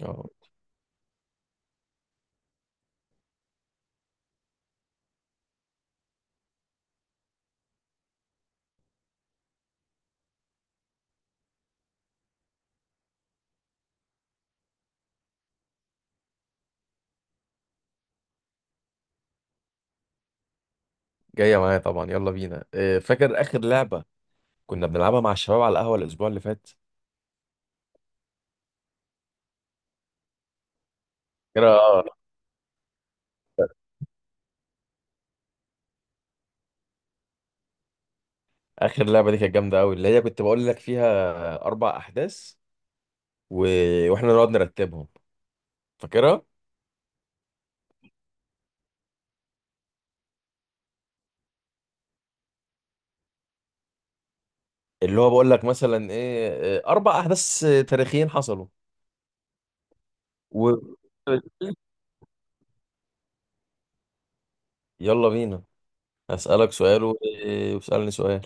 اه. جاية معايا طبعا، يلا بينا. فاكر آخر لعبة كنا بنلعبها مع الشباب على القهوة الأسبوع اللي فات؟ فاكر؟ آخر لعبة دي كانت جامدة أوي، اللي هي كنت بقول لك فيها أربع أحداث و... وإحنا نقعد نرتبهم، فاكرها؟ اللي هو بقول لك مثلا إيه، أربع أحداث تاريخيين حصلوا و... يلا بينا. هسألك سؤال واسألني سؤال.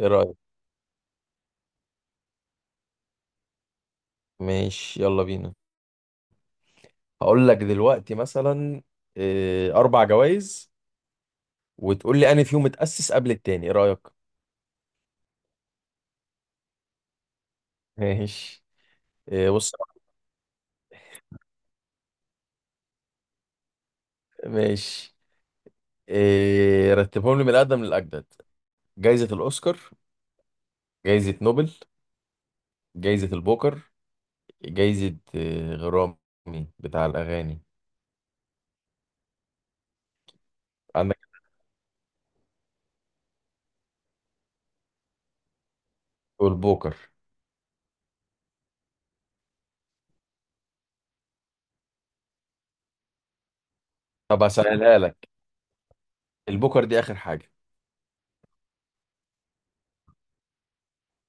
إيه رأيك؟ ماشي، يلا بينا. هقول لك دلوقتي مثلا أربع جوائز، وتقول لي أنا فيهم اتأسس قبل التاني. إيه رأيك؟ ماشي. إيه، بص. ماشي. إيه، رتبهم لي من الأقدم للأجدد: جايزة الأوسكار، جايزة نوبل، جايزة البوكر، جايزة غرامي بتاع الأغاني. عندك البوكر. طب هسهلها لك، البوكر دي آخر حاجة.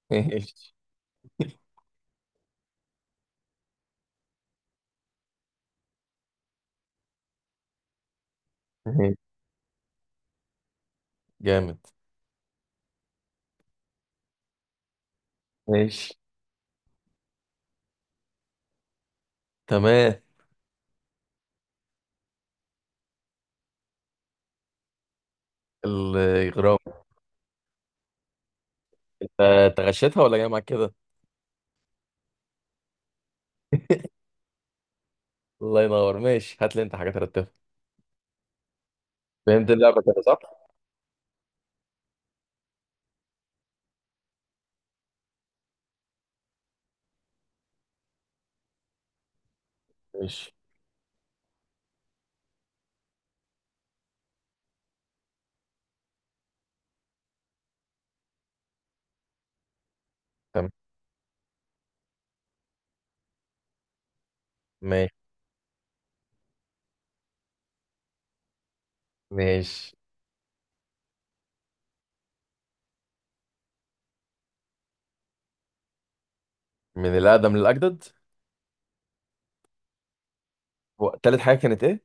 ماشي. ماشي. جامد. ماشي. تمام. الغرام. انت غشيتها ولا جاي معاك كده؟ الله ينور. ماشي، هات لي انت حاجة ترتبها. فهمت اللعبة كده صح؟ ماشي. تمام. ماشي. ماشي، من الأقدم للأجدد. هو تالت حاجة كانت إيه؟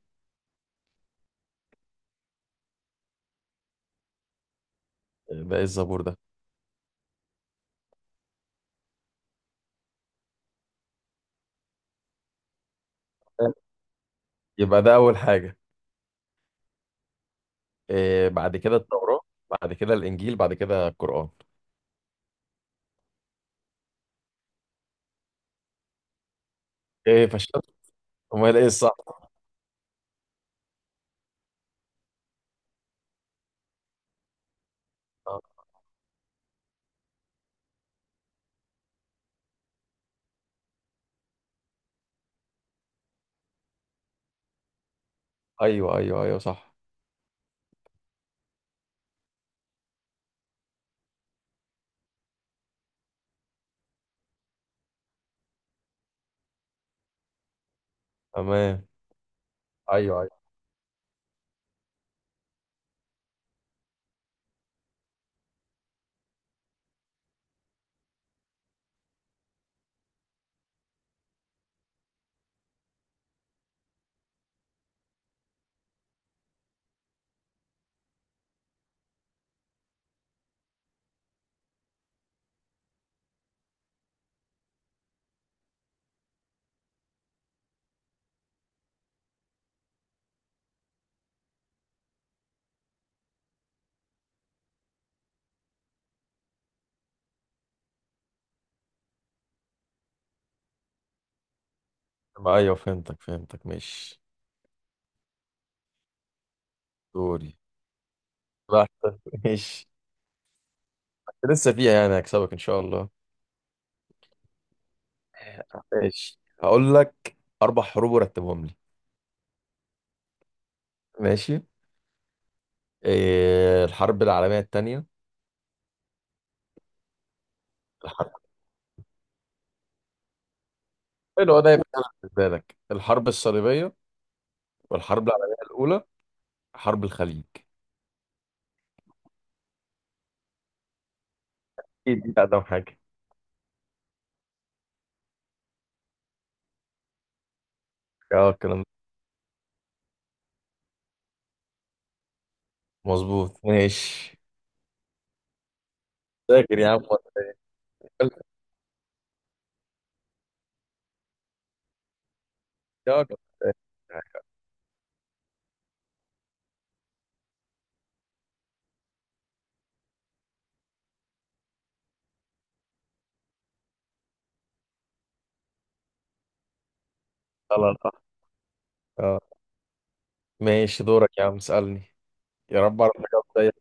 بقى الزبور ده؟ يبقى ده أول حاجة. إيه بعد كده؟ التوراة، بعد كده الإنجيل، بعد كده القرآن. إيه، فشلت؟ أمال إيه الصح؟ آه، أيوه أيوه أيوه، صح. تمام. أيوه أيوه. ما أيوه، فهمتك. ماشي. دوري؟ بحت. ماشي. لسه فيها يعني، هكسبك إن شاء الله. ماشي. هقول لك أربع حروب ورتبهم لي. ماشي. إيه، الحرب العالمية التانية، الحرب حلو ده يبقى بالنسبة لك، الحرب الصليبية والحرب العالمية الأولى، حرب الخليج. اكيد دي اقدم حاجه. اه، الكلام ده مظبوط. ماشي، فاكر يا عم. يا جدع. خلاص. اه. ماشي، دورك يا عم، اسألني. يا رب اعرف اجاوب زيك.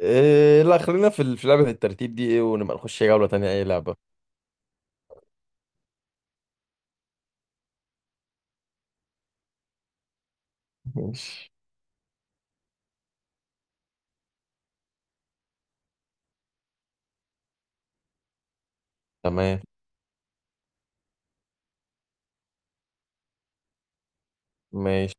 إيه، لا، خلينا في في لعبة الترتيب دي، ايه، ونبقى نخش جولة تانية اي لعبة. ماشي. تمام. ماشي.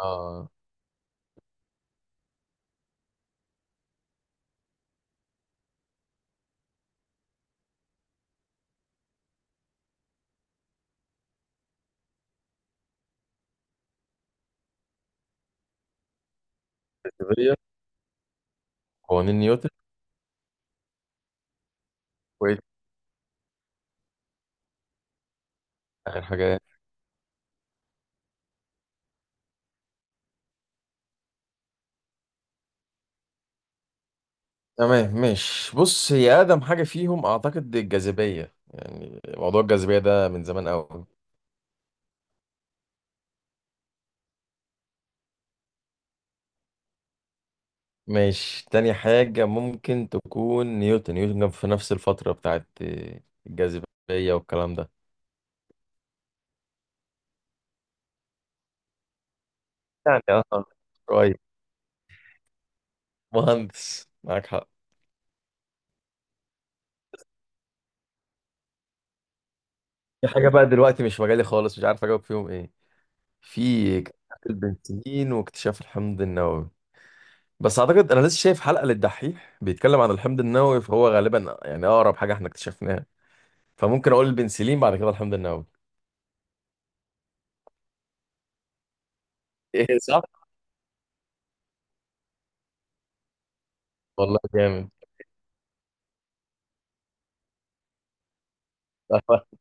اه. جاذبية. قوانين نيوتن. كويس. اخر حاجة إيه؟ تمام. ماشي، بص، هي اقدم حاجة فيهم اعتقد الجاذبية، يعني موضوع الجاذبية ده من زمان قوي. ماشي، تاني حاجة ممكن تكون نيوتن. نيوتن كان في نفس الفترة بتاعت الجاذبية والكلام ده. يعني، اه، قريب. مهندس، معاك حق. في حاجة بقى دلوقتي مش مجالي خالص، مش عارف أجاوب فيهم إيه، في اكتشاف البنسلين واكتشاف الحمض النووي، بس أعتقد أنا لسه شايف حلقة للدحيح بيتكلم عن الحمض النووي، فهو غالبا يعني أقرب حاجة إحنا اكتشفناها، فممكن أقول البنسلين بعد كده الحمض النووي. ايه، صح. والله جامد.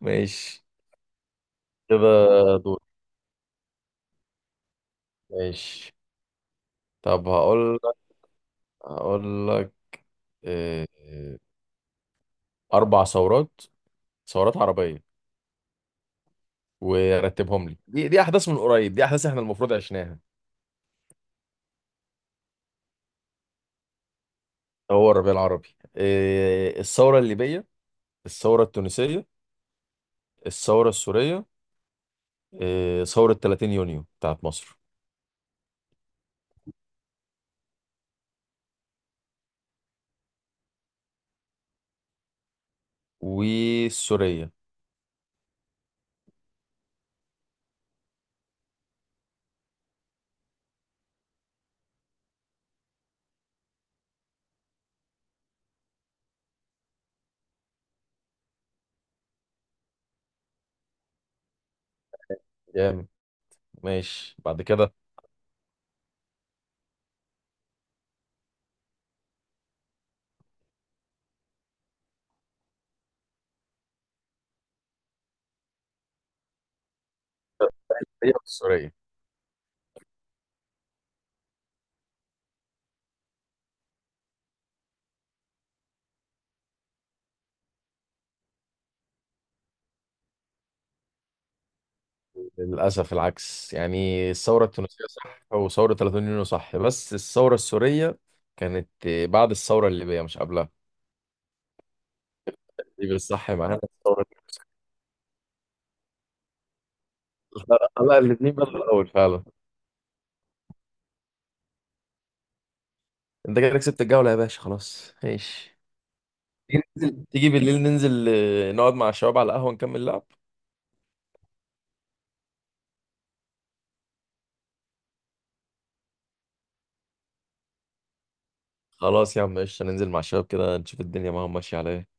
ماشي. كده. دور. ماشي. طب هقول لك، هقول لك آه، آه، اربع ثورات، ثورات عربيه، ورتبهم لي. دي احداث من قريب، دي احداث احنا المفروض عشناها. هو الربيع العربي. الثوره الليبيه، الثوره التونسيه، الثوره السوريه، ثوره 30 يونيو بتاعت مصر، والسوريه. جامد. ماشي، بعد كده؟ هي السوريه؟ للاسف العكس، يعني الثوره التونسيه صح وثوره 30 يونيو صح، بس الثوره السوريه كانت بعد الثوره الليبيه مش قبلها. دي بالصح معناها الثورة. لا لا لا، الاتنين بقى في الأول فعلا. أنت كده كسبت الجولة يا باشا، خلاص ماشي. تيجي تيجي بالليل ننزل نقعد مع الشباب على القهوة ونكمل لعب. خلاص يا عم، قشطة، ننزل مع الشباب كده نشوف الدنيا معاهم ماشية على إيه.